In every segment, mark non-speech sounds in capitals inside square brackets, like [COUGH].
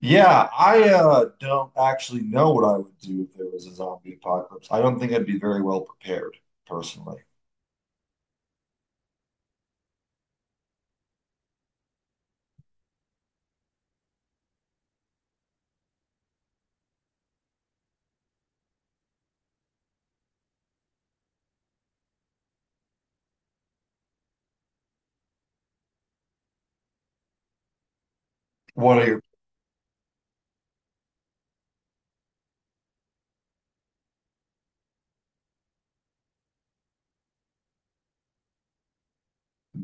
Yeah, I don't actually know what I would do if there was a zombie apocalypse. I don't think I'd be very well prepared, personally. What a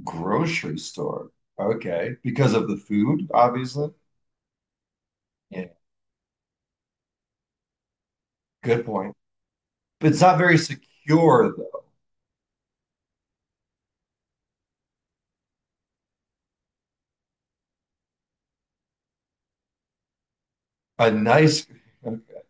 grocery store. Okay. Because of the food, obviously. Yeah, good point. But it's not very secure, though. A nice, okay.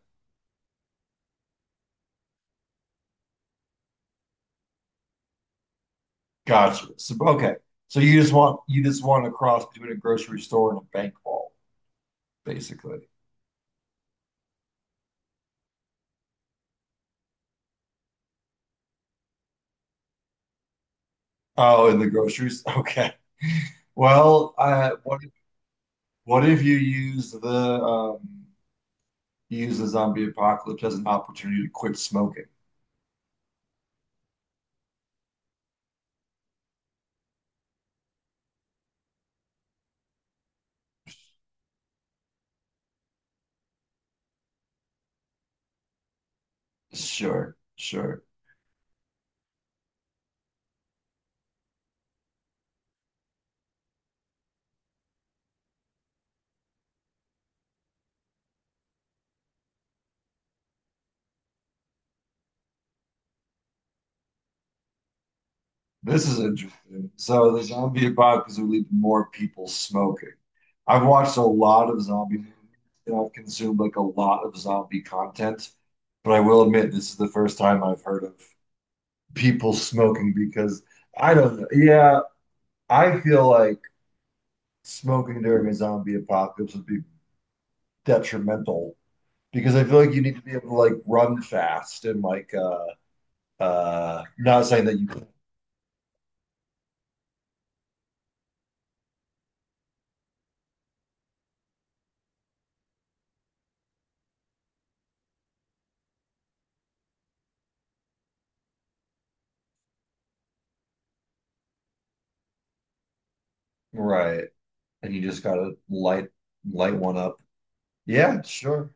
Gotcha. So, okay. So you just want to cross between a grocery store and a bank vault, basically. Oh, in the groceries? Okay. [LAUGHS] Well, what if you um use the zombie apocalypse as an opportunity to quit smoking. Sure, sure. This is interesting. So the zombie apocalypse would lead to more people smoking. I've watched a lot of zombie movies and I've consumed like a lot of zombie content, but I will admit this is the first time I've heard of people smoking because I don't know. Yeah, I feel like smoking during a zombie apocalypse would be detrimental because I feel like you need to be able to like run fast and like not saying that you right, and you just gotta light one up. Yeah, sure,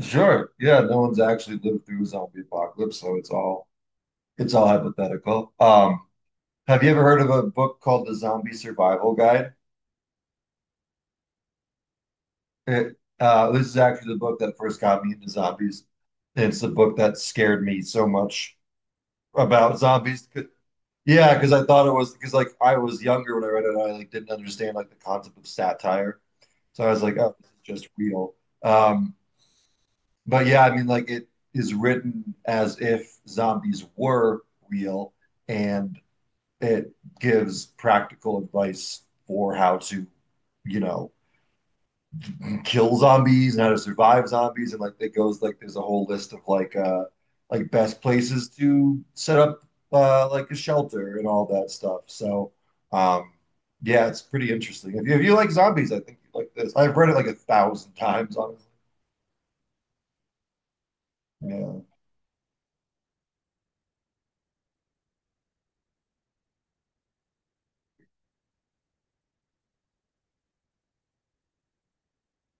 sure. Yeah, no one's actually lived through a zombie apocalypse, so it's all hypothetical. Have you ever heard of a book called The Zombie Survival Guide? This is actually the book that first got me into zombies. It's the book that scared me so much about zombies. 'Cause— yeah, because I thought it was because like I was younger when I read it, and I like didn't understand like the concept of satire. So I was like, oh, this is just real. Um, but yeah, I mean, like it is written as if zombies were real, and it gives practical advice for how to, you know, kill zombies and how to survive zombies, and like it goes like there's a whole list of like best places to set up like a shelter and all that stuff. So um yeah, it's pretty interesting. If you like zombies, I think you like this. I've read it like a thousand times. Yeah.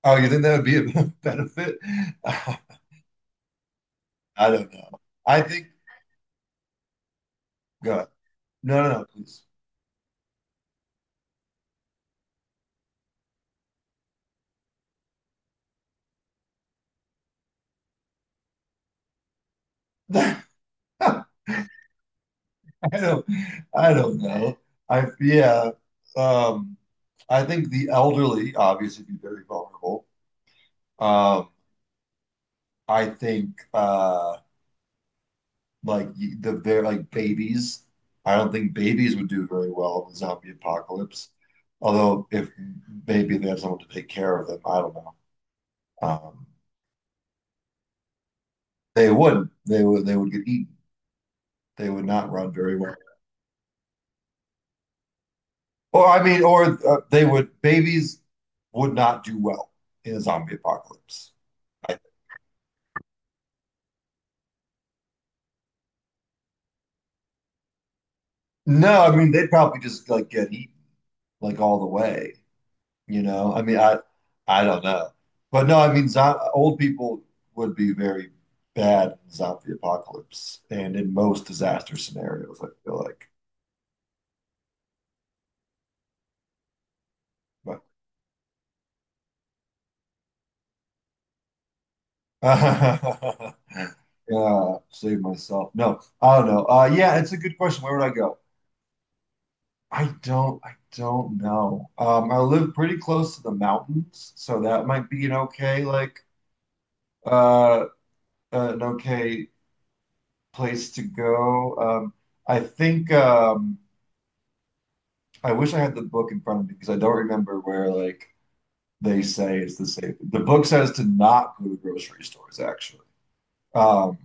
Oh, you think that would be a [LAUGHS] benefit? [LAUGHS] I don't know. I think God. No, no, no, please. [LAUGHS] I don't I don't know. I yeah. Um I think the elderly obviously be very vulnerable. Um I think like the very like babies. I don't think babies would do very well in the zombie apocalypse. Although if maybe they have someone to take care of them, I don't know. Um they wouldn't. They would get eaten. They would not run very well. Or I mean, or they would babies would not do well in a zombie apocalypse. I, no, I mean they'd probably just like get eaten like all the way. You know, I mean, I don't know, but no, I mean, zo old people would be very bad in zombie apocalypse and in most disaster scenarios. I feel like, but [LAUGHS] yeah, save myself. No, I don't know. Yeah, it's a good question. Where would I go? I don't know. I live pretty close to the mountains, so that might be an okay, like, uh, an okay place to go. I think, I wish I had the book in front of me because I don't remember where, like, they say it's the safe. The book says to not go to grocery stores, actually. Um,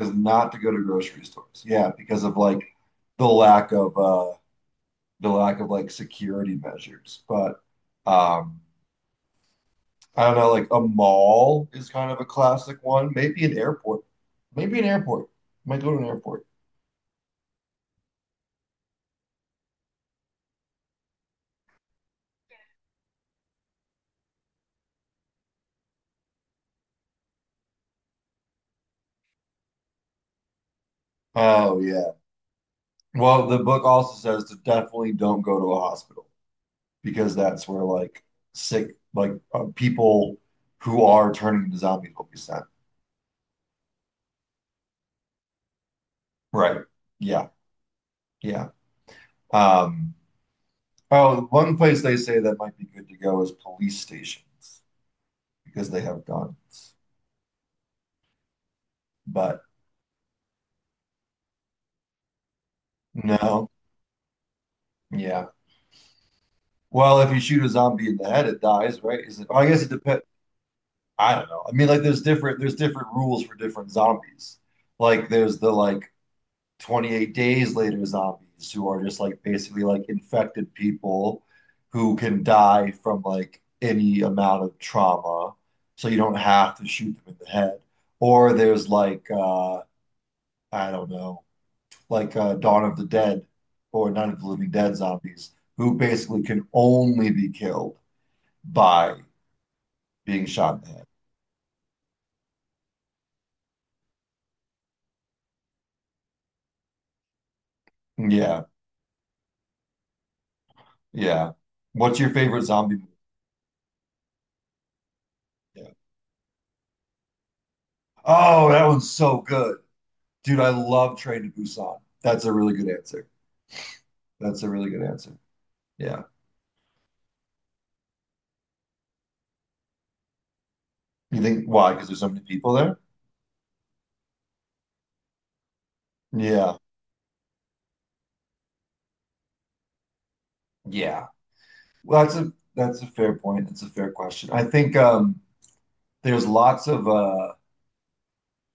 is not to go to grocery stores. Yeah, because of like the lack of, uh, the lack of like security measures, but, um, I don't know, like a mall is kind of a classic one. Maybe an airport. Maybe an airport. Might go to an airport. Oh yeah. Well, the book also says to definitely don't go to a hospital because that's where like sick like people who are turning into zombies will be sent. Right. Yeah. Yeah. Um, oh, one place they say that might be good to go is police stations because they have guns. But no. Yeah. Well, if you shoot a zombie in the head, it dies, right? Is it? Well, I guess it depends. I don't know. I mean, like there's different rules for different zombies. Like there's the like 28 days later zombies who are just like basically like infected people who can die from like any amount of trauma. So you don't have to shoot them in the head. Or there's like I don't know, like Dawn of the Dead or Night of the Living Dead zombies who basically can only be killed by being shot at. Yeah, yeah. What's your favorite zombie movie? Yeah. Oh, that one's so good. Dude, I love Train to Busan. That's a really good answer. That's a really good answer. Yeah. You think why? Because there's so many people there? Yeah. Yeah. Well, that's a fair point. It's a fair question. I think there's lots of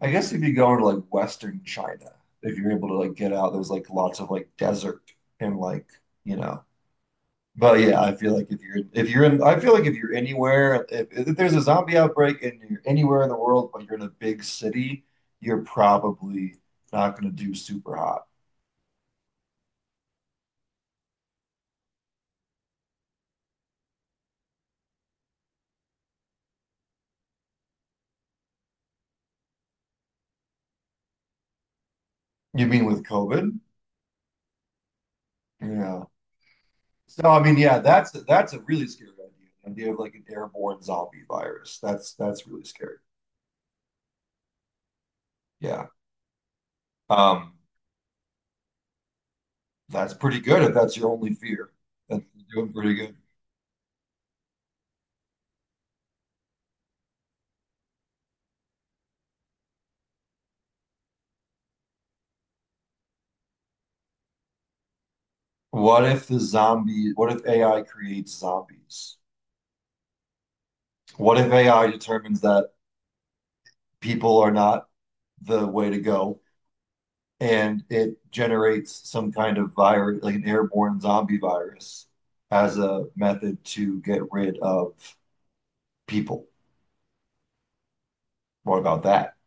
I guess if you go into like Western China, if you're able to like get out, there's like lots of like desert and like, you know, but yeah, I feel like if you're in, I feel like if you're anywhere, if there's a zombie outbreak and you're anywhere in the world, but you're in a big city, you're probably not going to do super hot. You mean with COVID? Yeah. So I mean, yeah, that's a really scary idea. The idea of like an airborne zombie virus. That's really scary. Yeah. Um, that's pretty good if that's your only fear. That's doing pretty good. What if AI creates zombies? What if AI determines that people are not the way to go. And it generates some kind of virus, like an airborne zombie virus, as a method to get rid of people. What about that?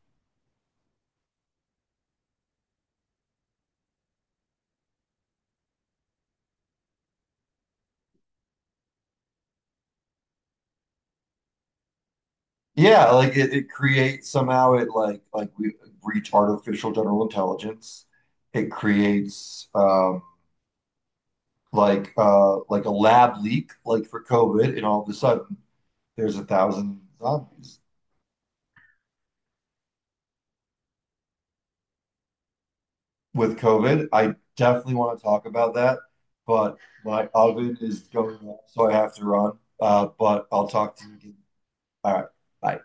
Yeah, like it creates somehow it like we reach artificial general intelligence. It creates like a lab leak like for COVID and all of a sudden there's a thousand zombies with COVID. I definitely want to talk about that, but my oven is going off, so I have to run. But I'll talk to you again. All right. Bye.